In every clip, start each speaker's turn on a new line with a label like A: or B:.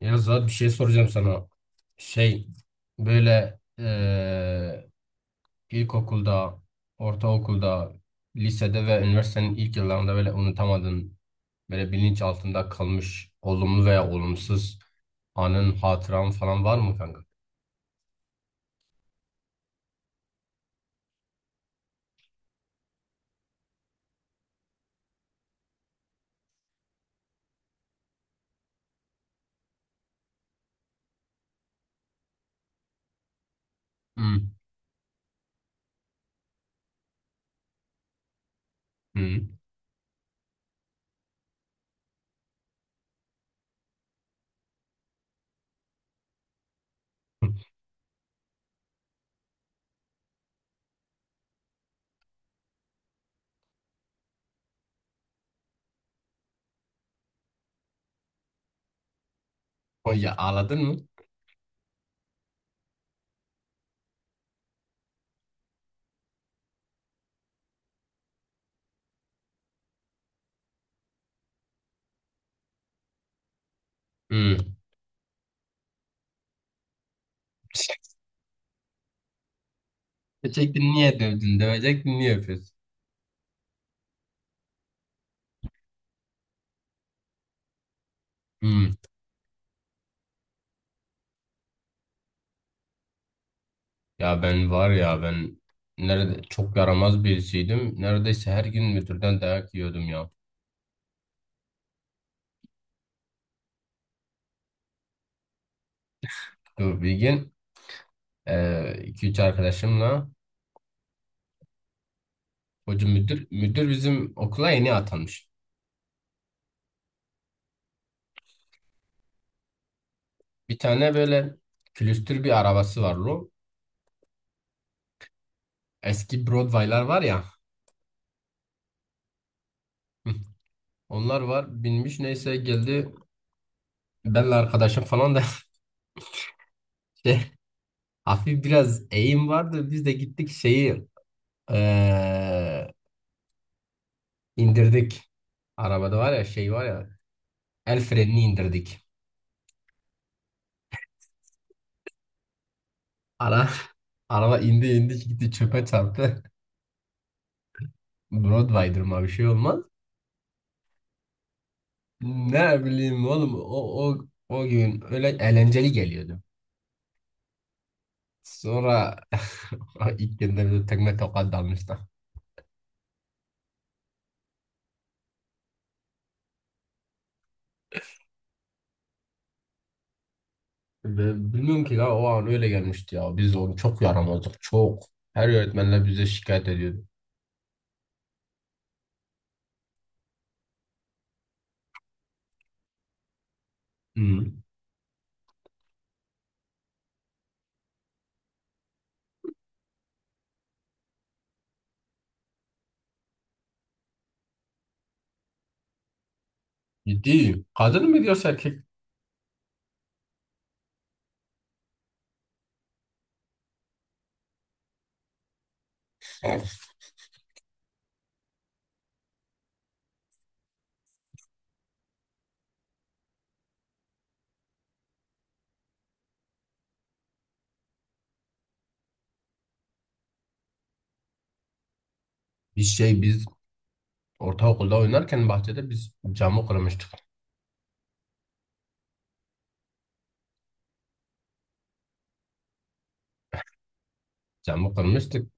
A: Ya Zuhat bir şey soracağım sana. Şey böyle ilkokulda, ortaokulda, lisede ve üniversitenin ilk yıllarında böyle unutamadığın, böyle bilinç altında kalmış olumlu veya olumsuz anın, hatıran falan var mı kanka? Hı. Hı. O ya, ağladın mı? Hı. Diyecektin niye dövdün? Dövecektin niye öpüyorsun? Hmm. Ya ben var ya ben nerede çok yaramaz birisiydim. Neredeyse her gün müdürden dayak yiyordum ya. Dur bir gün iki üç arkadaşımla hoca müdür bizim okula yeni atanmış. Bir tane böyle külüstür bir arabası var lo. Eski Broadway'lar var ya. Onlar var binmiş neyse geldi. Benle arkadaşım falan da şey, hafif biraz eğim vardı. Biz de gittik şeyi eee, indirdik. Arabada var ya şey var ya el frenini indirdik. Ara, Araba indi indi gitti çöpe çarptı. Broadway'dır mı bir şey olmaz. Ne bileyim oğlum o, o gün öyle eğlenceli geliyordu. Sonra ilk günde bir tekme tokat dalmışlar. Ve bilmiyorum ki la o an öyle gelmişti ya. Biz onu çok yaramazdık çok. Her öğretmenler bize şikayet ediyordu. Hmm. Ciddi. Kadın mı diyorsa erkek? Bir şey biz ortaokulda oynarken bahçede biz camı kırmıştık. Camı kırmıştık.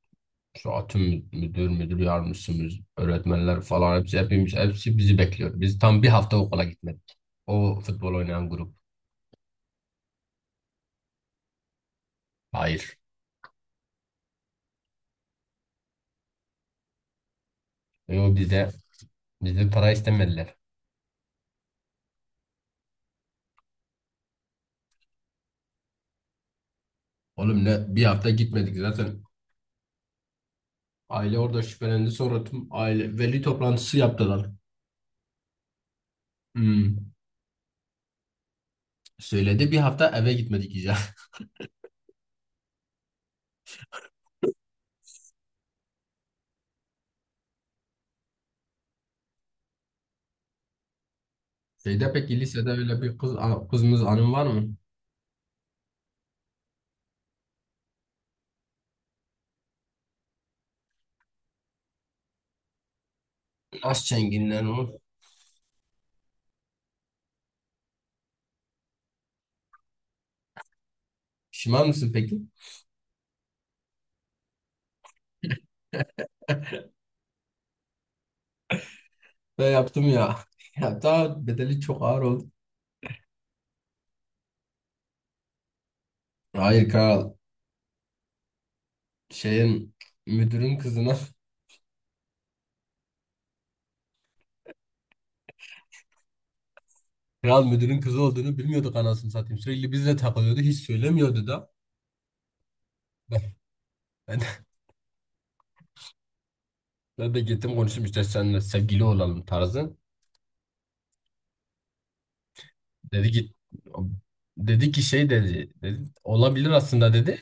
A: Şu atım müdür, müdür yardımcısımız, öğretmenler falan hepsi hepimiz hepsi bizi bekliyor. Biz tam bir hafta okula gitmedik. O futbol oynayan grup. Hayır. O bizden para istemediler. Oğlum ne bir hafta gitmedik zaten. Aile orada şüphelendi sonra tüm aile veli toplantısı yaptılar. Hmm. Söyledi bir hafta eve gitmedik ya. Şeyde peki lisede öyle bir kızımız anım var mı? Nasıl çenginden o? Pişman mısın peki? Ben yaptım ya. Ya daha bedeli çok ağır oldu. Hayır kral. Şeyin müdürün kızına. Kral müdürün kızı olduğunu bilmiyorduk anasını satayım. Sürekli bizle takılıyordu. Hiç söylemiyordu da. Ben, ben, de, ben de gittim konuştum işte seninle sevgili olalım tarzı. Dedi git dedi ki şey dedi olabilir aslında dedi.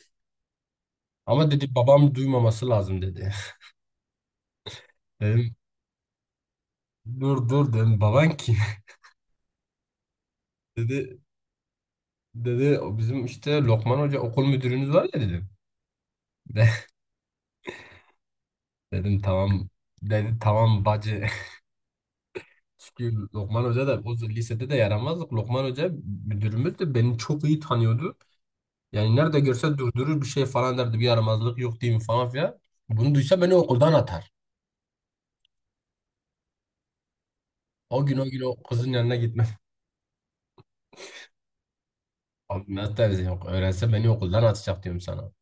A: Ama dedi babam duymaması lazım dedi. Dedim dur dur dedim baban kim? Dedi dedi "O bizim işte Lokman Hoca okul müdürümüz var ya dedim. De- Dedim tamam dedi tamam bacı. Çünkü Lokman Hoca da o lisede de yaramazdık. Lokman Hoca müdürümüz de beni çok iyi tanıyordu. Yani nerede görse durdurur bir şey falan derdi. Bir yaramazlık yok diyeyim falan filan. Bunu duysa beni okuldan atar. O gün o kızın yanına gitmem. Abi nasıl dersin yok. Öğrense beni okuldan atacak diyorum sana.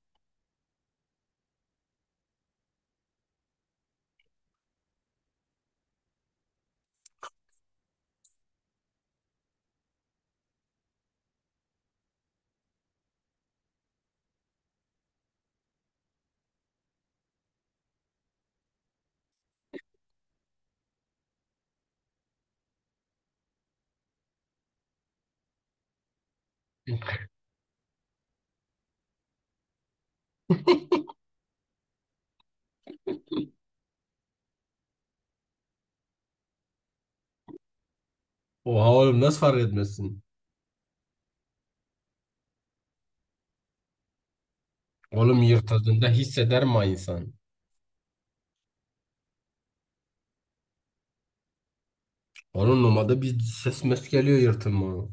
A: Oha oğlum nasıl fark etmezsin? Oğlum yırtıldığında hisseder mi insan? Onun numarada bir ses mes geliyor yırtılma.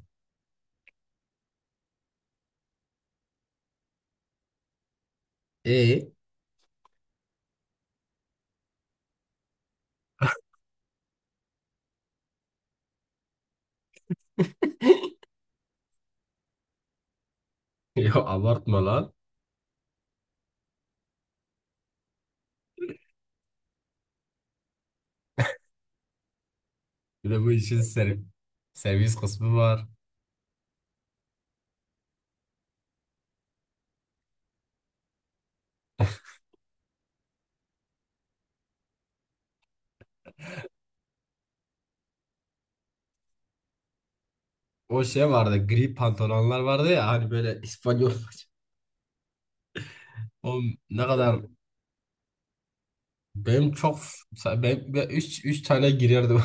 A: E? Ya abartma lan. Bir de bu işin servis kısmı var. O şey vardı gri pantolonlar vardı ya hani böyle İspanyol o ne kadar benim çok ben üç tane girerdim.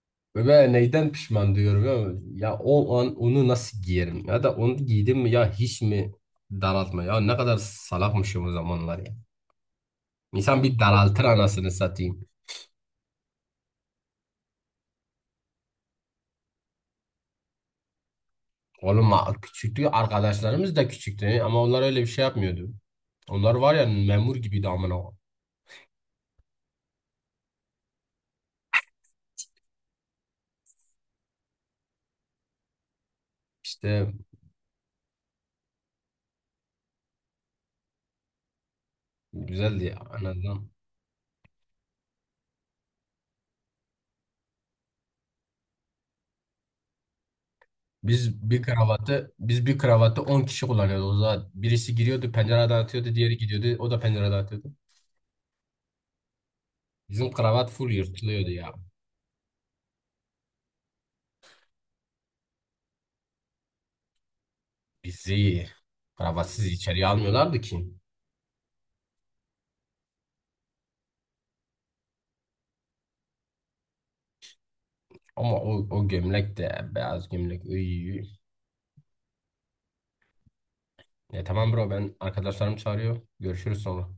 A: Ve ben neyden pişman diyorum ya. Ya o an onu nasıl giyerim ya da onu giydim mi ya hiç mi daraltma ya ne kadar salakmışım o zamanlar ya. İnsan bir daraltır anasını satayım. Oğlum küçüktü arkadaşlarımız da küçüktü ama onlar öyle bir şey yapmıyordu. Onlar var ya memur gibiydi amına koyayım. İşte güzeldi ya, en azından. Biz bir kravatı 10 kişi kullanıyordu. O zaman birisi giriyordu pencereden atıyordu, diğeri gidiyordu, o da pencereden atıyordu. Bizim kravat full yırtılıyordu ya. Bizi kravatsız içeriye almıyorlardı ki. Ama o gömlek de beyaz gömlek. Iy. Ya tamam bro ben arkadaşlarım çağırıyor. Görüşürüz sonra.